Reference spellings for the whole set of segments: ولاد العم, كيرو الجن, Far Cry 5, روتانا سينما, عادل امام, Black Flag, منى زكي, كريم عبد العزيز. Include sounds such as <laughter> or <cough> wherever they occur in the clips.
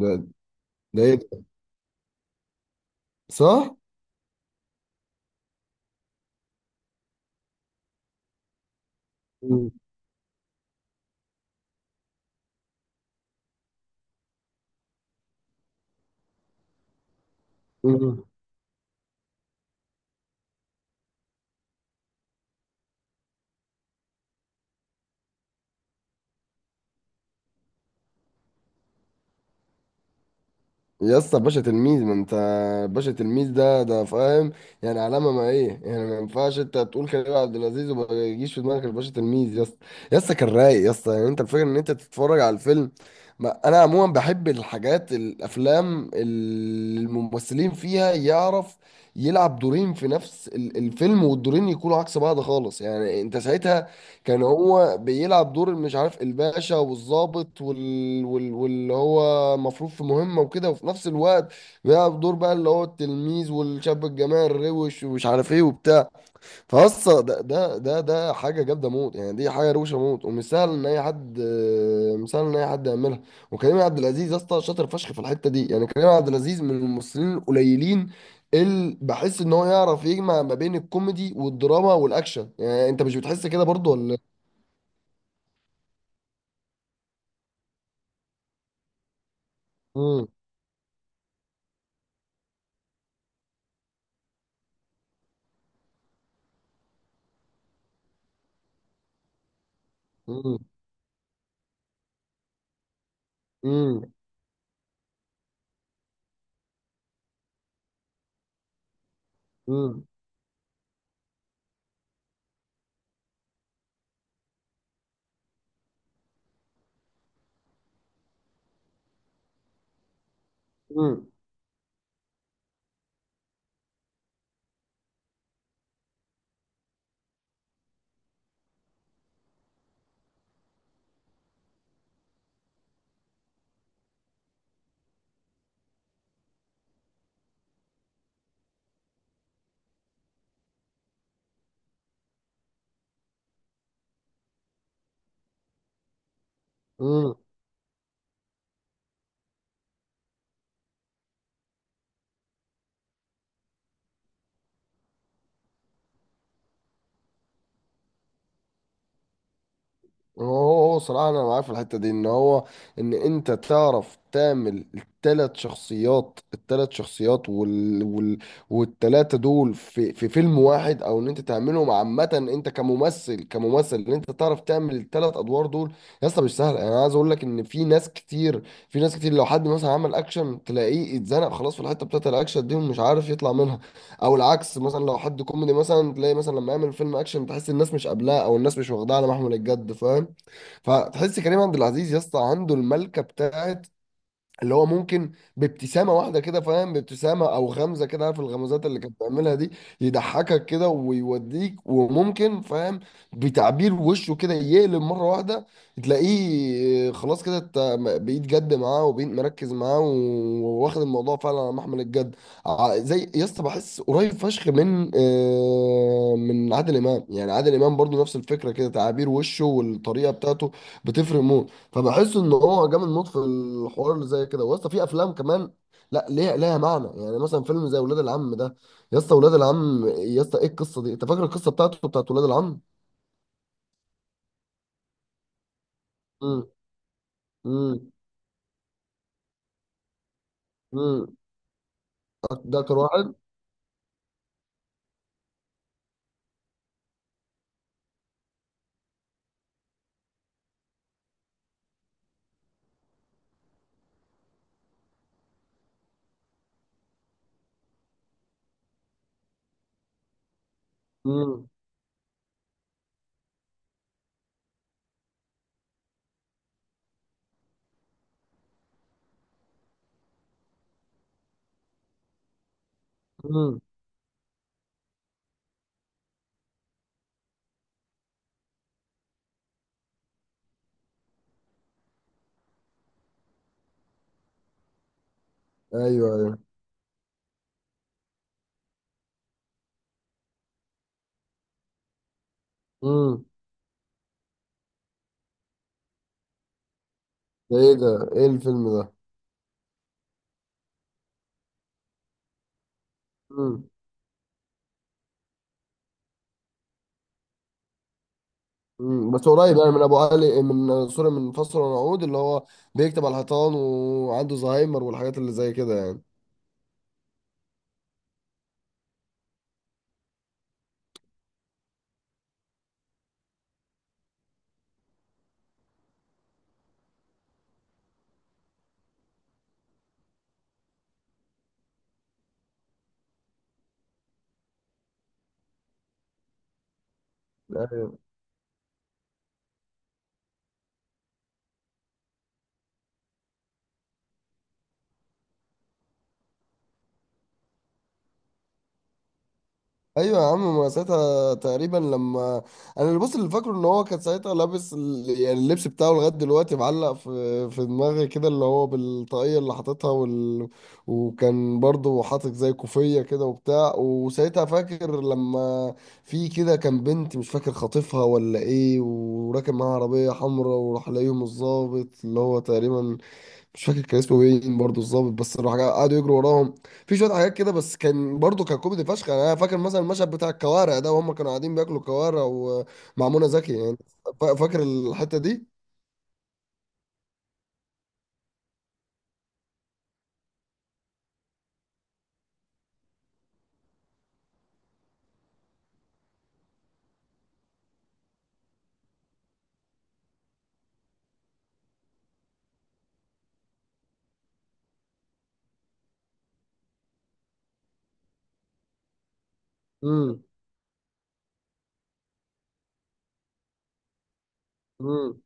ده ده ايه ده؟ صح؟ مم. مم. يا اسطى، باشا تلميذ، ما انت باشا تلميذ ده ده فاهم. يعني علامه، ما ايه يعني، ما ينفعش انت تقول كريم عبد العزيز وما يجيش في دماغك الباشا تلميذ يا اسطى. يا اسطى كان رايق يا اسطى، يعني انت الفكره ان انت تتفرج على الفيلم. ما انا عموما بحب الحاجات، الافلام اللي الممثلين فيها يعرف يلعب دورين في نفس الفيلم، والدورين يكونوا عكس بعض خالص، يعني انت ساعتها كان هو بيلعب دور، مش عارف، الباشا والضابط واللي هو مفروض في مهمة وكده، وفي نفس الوقت بيلعب دور بقى اللي هو التلميذ والشاب الجماعي الروش ومش عارف ايه وبتاع. فاصلا ده حاجة جامدة موت، يعني دي حاجة روشة موت، ومش سهل ان اي حد مش سهل ان اي حد يعملها. وكريم عبد العزيز يا اسطى شاطر فشخ في الحتة دي، يعني كريم عبد العزيز من الممثلين القليلين اللي بحس ان هو يعرف يجمع ما بين الكوميدي والدراما والاكشن، يعني انت مش بتحس كده برضو ولا؟ مم. مم. مم. مم. مم. مم. هو صراحة أنا معاه في الحتة دي إن هو، إن أنت تعرف تعمل التلات شخصيات والتلاتة دول في فيلم واحد، أو إن أنت تعملهم عامة. أنت كممثل، إن أنت تعرف تعمل التلات أدوار دول. يا اسطى مش سهل، يعني أنا عايز أقول لك إن في ناس كتير، لو حد مثلا عمل أكشن تلاقيه اتزنق خلاص في الحتة بتاعت الأكشن دي ومش عارف يطلع منها. أو العكس، مثلا لو حد كوميدي، مثلا تلاقي مثلا لما يعمل فيلم أكشن تحس الناس مش قابلاه أو الناس مش واخداه على محمل الجد فاهم. فتحس كريم عبد العزيز يا اسطى عنده الملكه بتاعت اللي هو ممكن بابتسامه واحده كده فاهم، بابتسامه او غمزه كده، عارف الغمزات اللي كانت بيعملها دي، يضحكك كده ويوديك وممكن فاهم، بتعبير وشه كده يقلب مره واحده، تلاقيه خلاص كده انت بقيت جد معاه وبقيت مركز معاه وواخد الموضوع فعلا على محمل الجد. زي يا اسطى بحس قريب فشخ من من عادل امام، يعني عادل امام برضو نفس الفكره كده، تعابير وشه والطريقه بتاعته بتفرق موت. فبحس ان هو جامد موت في الحوار اللي زي كده، واسطى في افلام كمان لا، ليها معنى. يعني مثلا فيلم زي ولاد العم ده، يا اسطى ولاد العم، يا اسطى ايه القصه دي؟ انت فاكر القصه بتاعته بتاعت ولاد العم؟ امم. امم. امم. ده اكتر واحد. امم. امم. ايوه، ايوه. امم. ده ايه الفيلم ده؟ امم. امم. بس قريب يعني، من ابو علي، من سوري، من فصل ونعود اللي هو بيكتب على الحيطان وعنده زهايمر والحاجات اللي زي كده يعني. ايوه، ايوه يا عم، ما ساعتها تقريبا لما انا اللي بص، اللي فاكره ان هو كان ساعتها لابس يعني اللبس بتاعه لغايه دلوقتي معلق في دماغي كده، اللي هو بالطاقيه اللي حاططها وكان برضه حاطط زي كوفيه كده وبتاع. وساعتها فاكر لما في كده كان بنت مش فاكر خاطفها ولا ايه، وراكب معاها عربيه حمراء، وراح لاقيهم الظابط اللي هو تقريبا مش فاكر كان اسمه مين برضه الظابط، بس راح قعدوا يجروا وراهم. في شويه حاجات كده بس كان برضه كان كوميدي فشخ، يعني انا فاكر مثلا المشهد بتاع الكوارع ده، وهم كانوا قاعدين بياكلوا كوارع ومع منى زكي يعني. فاكر الحته دي. امم. امم.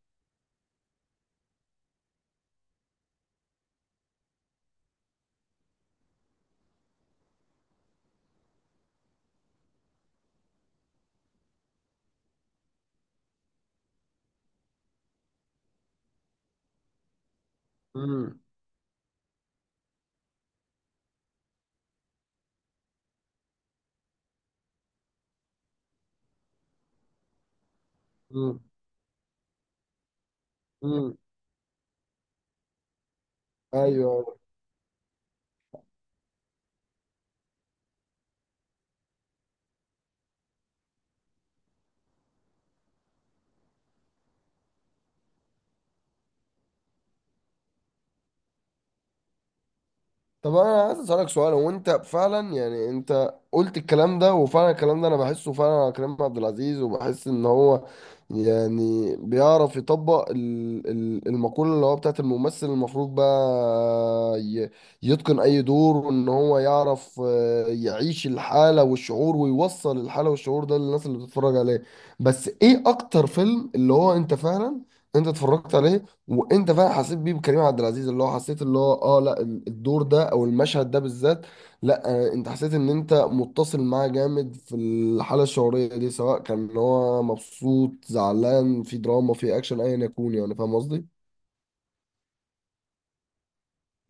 امم. امم. ايوه. طب انا عايز اسالك سؤال، هو انت فعلا، يعني انت قلت الكلام ده وفعلا الكلام ده انا بحسه فعلا على كريم عبد العزيز، وبحس ان هو يعني بيعرف يطبق المقولة اللي هو بتاعت الممثل المفروض بقى يتقن اي دور، وان هو يعرف يعيش الحالة والشعور ويوصل الحالة والشعور ده للناس اللي بتتفرج عليه. بس ايه اكتر فيلم اللي هو انت فعلا انت اتفرجت عليه وانت فعلا حسيت بيه بكريم عبد العزيز، اللي هو حسيت، اللي هو اه، لا، الدور ده او المشهد ده بالذات؟ لا، انت حسيت ان انت متصل معاه جامد في الحاله الشعوريه دي، سواء كان هو مبسوط، زعلان، في دراما، في اكشن، ايا يكون، يعني فاهم قصدي؟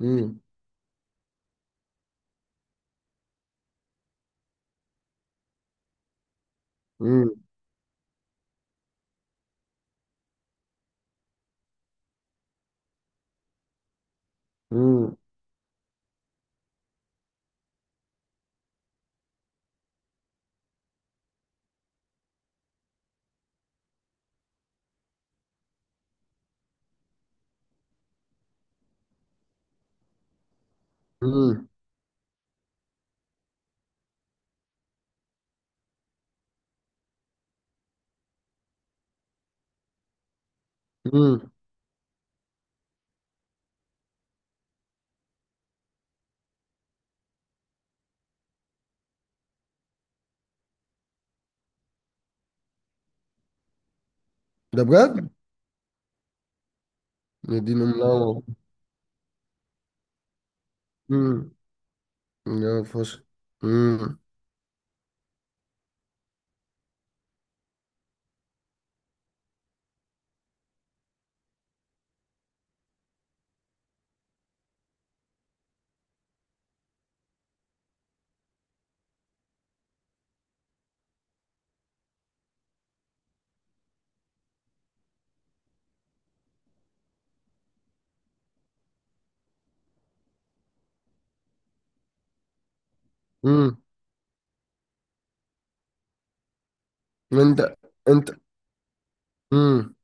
امم. امم. امم. امم. امم. ده بجد؟ يديني منور. امم. يا فشخ. امم. امم. انت انت مم.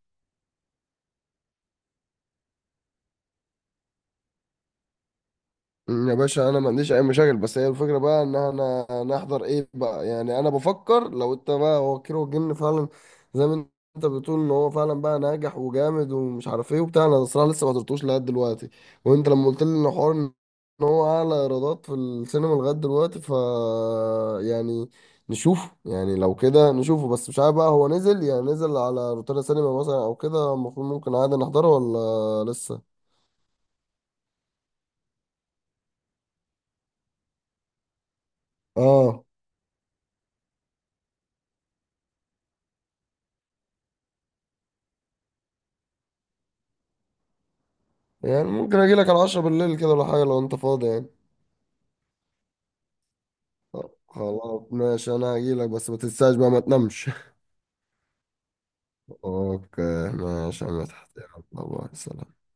أمم، يا باشا، انا ما عنديش اي مشاكل، بس هي الفكره بقى ان انا نحضر ايه بقى، يعني انا بفكر، لو انت بقى هو كيرو الجن فعلا زي ما انت بتقول ان هو فعلا بقى ناجح وجامد ومش عارف ايه وبتاع، انا الصراحه لسه ما حضرتوش لغايه دلوقتي. وانت لما قلت لي ان حوار ان هو اعلى ايرادات في السينما لغايه دلوقتي، ف، يعني نشوفه يعني، لو كده نشوفه، بس مش عارف بقى، هو نزل يعني نزل على روتانا سينما مثلا او كده المفروض ممكن عادي نحضره، ولا لسه؟ اه، يعني ممكن اجي لك على 10 بالليل كده، ولا حاجه لو انت فاضي يعني. طب خلاص، ماشي، انا هجي لك، بس ما تنساش بقى، ما تنامش. <laughs> اوكي، ماشي يا مدحت، يلا، باي، سلام.